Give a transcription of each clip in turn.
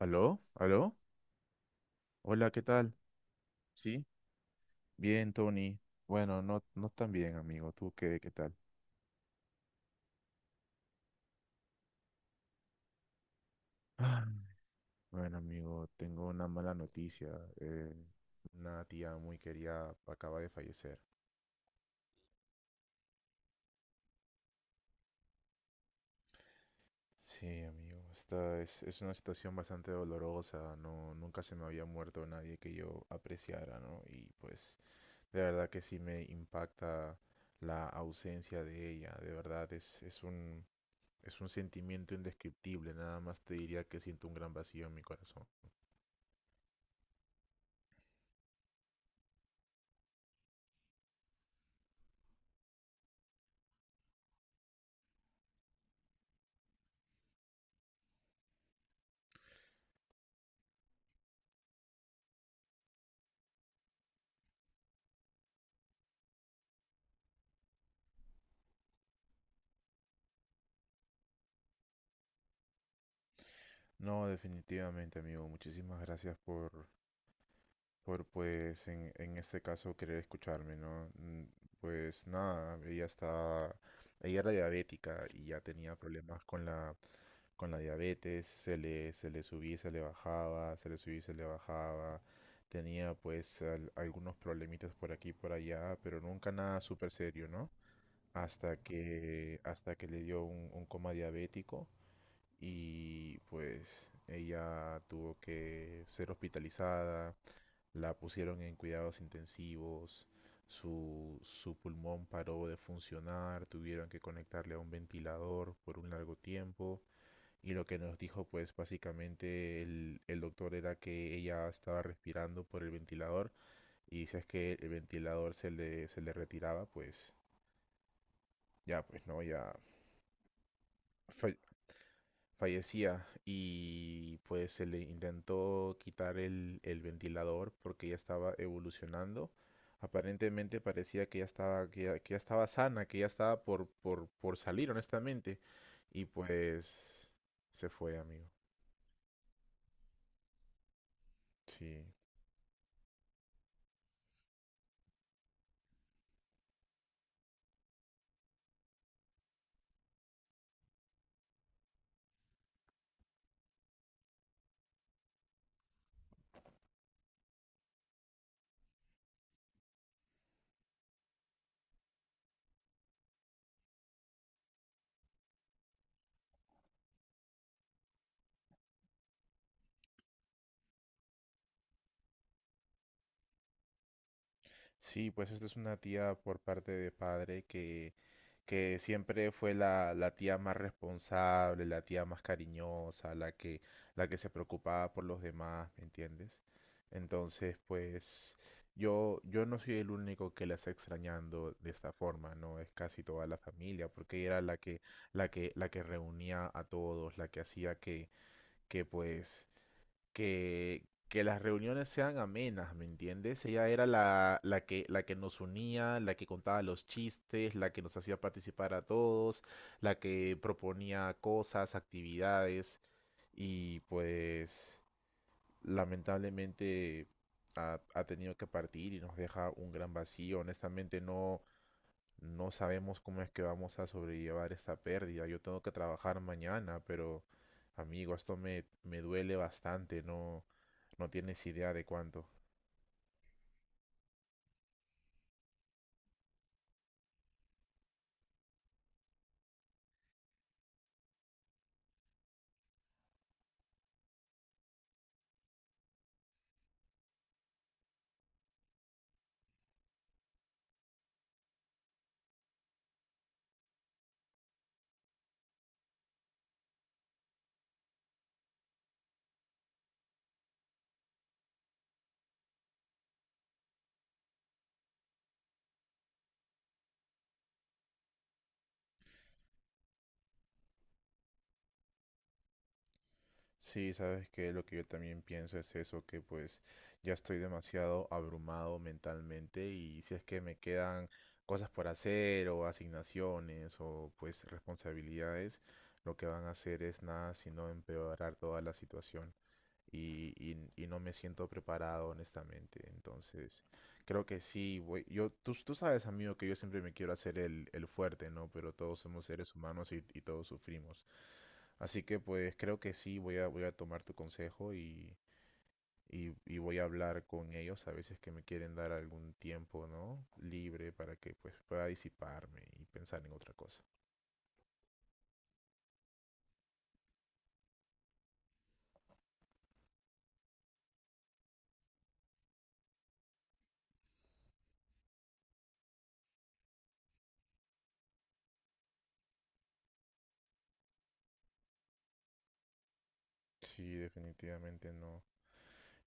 ¿Aló? ¿Aló? Hola, ¿qué tal? Sí, bien, Tony. Bueno, no, no tan bien, amigo. ¿Tú qué, qué tal? Ah, Bueno, amigo, tengo una mala noticia. Eh, una tía muy querida acaba de fallecer. Sí, amigo, esta es una situación bastante dolorosa. No, nunca se me había muerto nadie que yo apreciara, ¿no? Y pues, de verdad que sí me impacta la ausencia de ella. De verdad, es un sentimiento indescriptible, nada más te diría que siento un gran vacío en mi corazón. No, definitivamente, amigo, muchísimas gracias por pues, en este caso, querer escucharme, ¿no? Pues nada, ella era diabética y ya tenía problemas con la diabetes, se le subía y se le bajaba, se le subía y se le bajaba, tenía pues algunos problemitas por aquí y por allá, pero nunca nada súper serio, ¿no? Hasta que, hasta que le dio un coma diabético y pues ella tuvo que ser hospitalizada, la pusieron en cuidados intensivos, su pulmón paró de funcionar, tuvieron que conectarle a un ventilador por un largo tiempo, y lo que nos dijo pues básicamente el doctor era que ella estaba respirando por el ventilador, y si es que el ventilador se le retiraba pues ya pues no, ya fa- fallecía. Y pues se le intentó quitar el ventilador porque ya estaba evolucionando. Aparentemente parecía que ya estaba sana, que ya estaba por salir, honestamente. Y pues se fue, amigo. Sí. Sí, pues esta es una tía por parte de padre que siempre fue la, la tía más responsable, la tía más cariñosa, la que se preocupaba por los demás, ¿me entiendes? Entonces, pues yo no soy el único que la está extrañando de esta forma, ¿no? Es casi toda la familia, porque ella era la que, la que, la que reunía a todos, la que hacía que pues que las reuniones sean amenas, ¿me entiendes? Ella era la, la que nos unía, la que contaba los chistes, la que nos hacía participar a todos, la que proponía cosas, actividades y pues lamentablemente ha, ha tenido que partir y nos deja un gran vacío. Honestamente no, no sabemos cómo es que vamos a sobrellevar esta pérdida. Yo tengo que trabajar mañana, pero amigo, esto me duele bastante. No, no tienes idea de cuánto. Sí, sabes que lo que yo también pienso es eso, que pues ya estoy demasiado abrumado mentalmente, y si es que me quedan cosas por hacer o asignaciones o pues responsabilidades, lo que van a hacer es nada sino empeorar toda la situación. Y no me siento preparado, honestamente. Entonces, creo que sí, yo, tú sabes, amigo, que yo siempre me quiero hacer el fuerte, ¿no? Pero todos somos seres humanos y todos sufrimos. Así que, pues, creo que sí, voy a tomar tu consejo y voy a hablar con ellos a veces que me quieren dar algún tiempo, ¿no? Libre para que, pues, pueda disiparme y pensar en otra cosa. Sí, definitivamente no.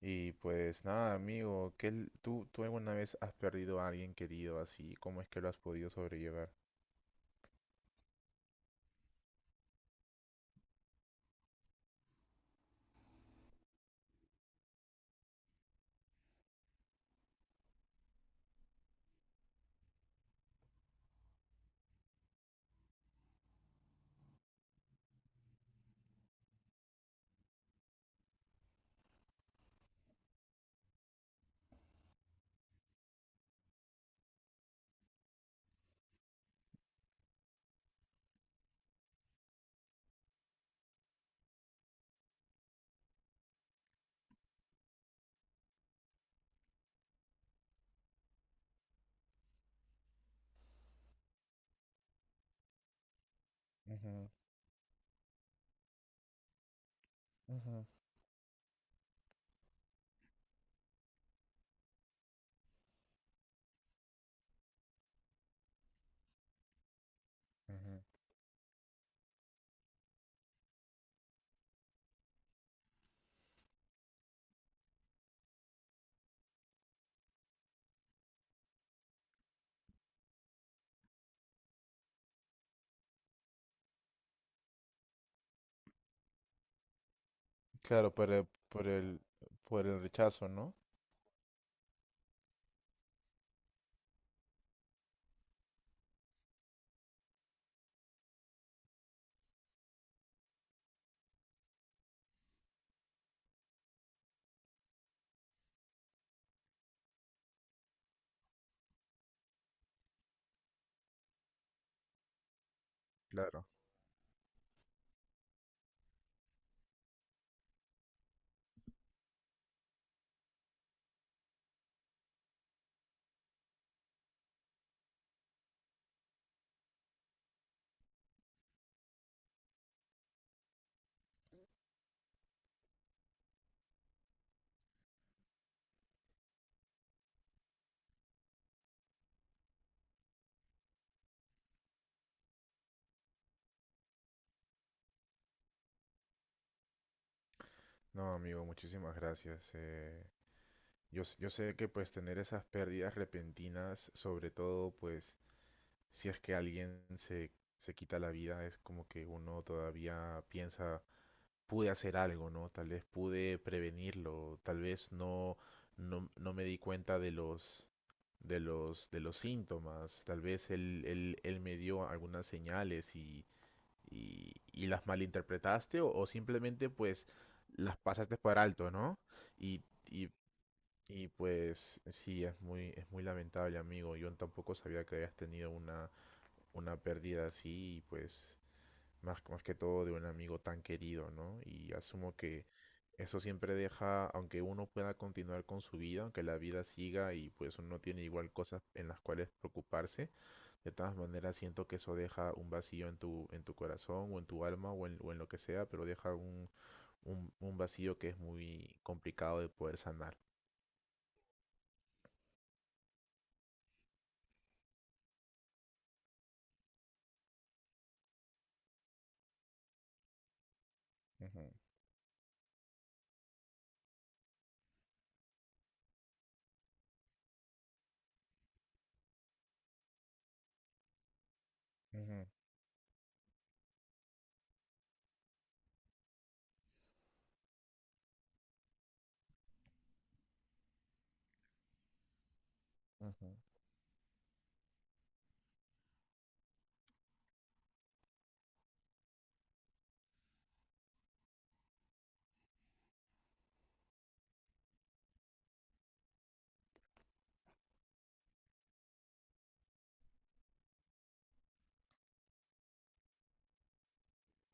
Y pues nada, amigo, tú, tú alguna vez has perdido a alguien querido así? ¿Cómo es que lo has podido sobrellevar? Ujú, ujú, ujú. Claro, por el, por el, por el rechazo, ¿no? Claro. No, amigo, muchísimas gracias. Yo, yo sé que pues tener esas pérdidas repentinas, sobre todo pues si es que alguien se, se quita la vida, es como que uno todavía piensa, pude hacer algo, ¿no? Tal vez pude prevenirlo, tal vez no, no, no me di cuenta de los, de los, de los síntomas, tal vez él, él, él me dio algunas señales y las malinterpretaste o simplemente pues las pasaste por alto, ¿no? Y, y, y pues sí, es muy lamentable, amigo. Yo tampoco sabía que habías tenido una pérdida así y pues más, más que todo de un amigo tan querido, ¿no? Y asumo que eso siempre deja, aunque uno pueda continuar con su vida, aunque la vida siga y pues uno tiene igual cosas en las cuales preocuparse, de todas maneras siento que eso deja un vacío en tu corazón o en tu alma o en lo que sea, pero deja un vacío que es muy complicado de poder sanar. Ujú, ujú, ujú,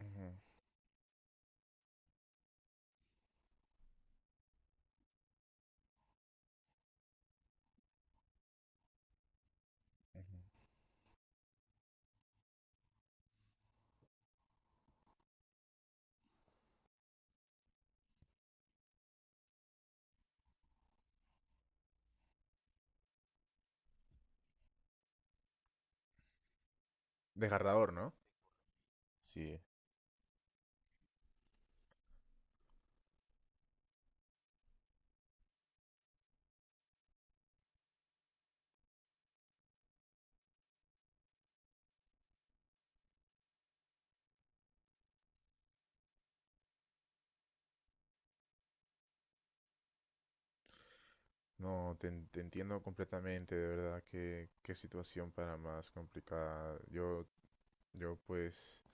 ujú, ujú. Desgarrador, ¿no? Sí. No, te, te entiendo completamente, de verdad, qué, qué situación para más complicada. Yo pues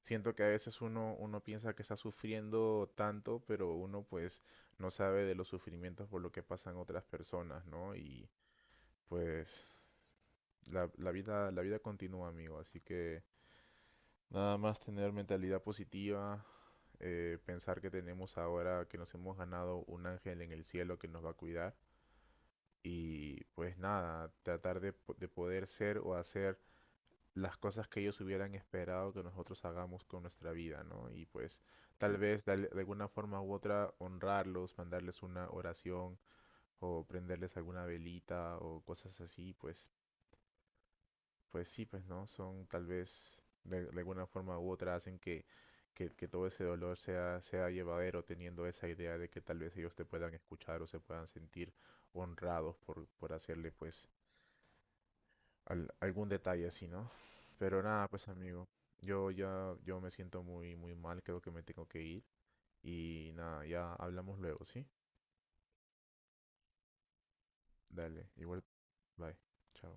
siento que a veces uno, uno piensa que está sufriendo tanto, pero uno pues no sabe de los sufrimientos por lo que pasan otras personas, ¿no? Y pues la, la vida continúa, amigo, así que nada más tener mentalidad positiva, pensar que tenemos ahora, que nos hemos ganado un ángel en el cielo que nos va a cuidar, y pues nada, tratar de, de poder ser o hacer las cosas que ellos hubieran esperado que nosotros hagamos con nuestra vida, ¿no? Y pues tal vez de, de alguna forma u otra honrarlos, mandarles una oración o prenderles alguna velita o cosas así, pues, pues sí, pues no, son tal vez de alguna forma u otra hacen que todo ese dolor sea, sea llevadero teniendo esa idea de que tal vez ellos te puedan escuchar o se puedan sentir honrados por hacerle pues algún detalle así, ¿no? Pero nada, pues amigo, yo ya yo me siento muy muy mal, creo que me tengo que ir, y nada, ya hablamos luego, ¿sí? Dale, igual, bye. Chao.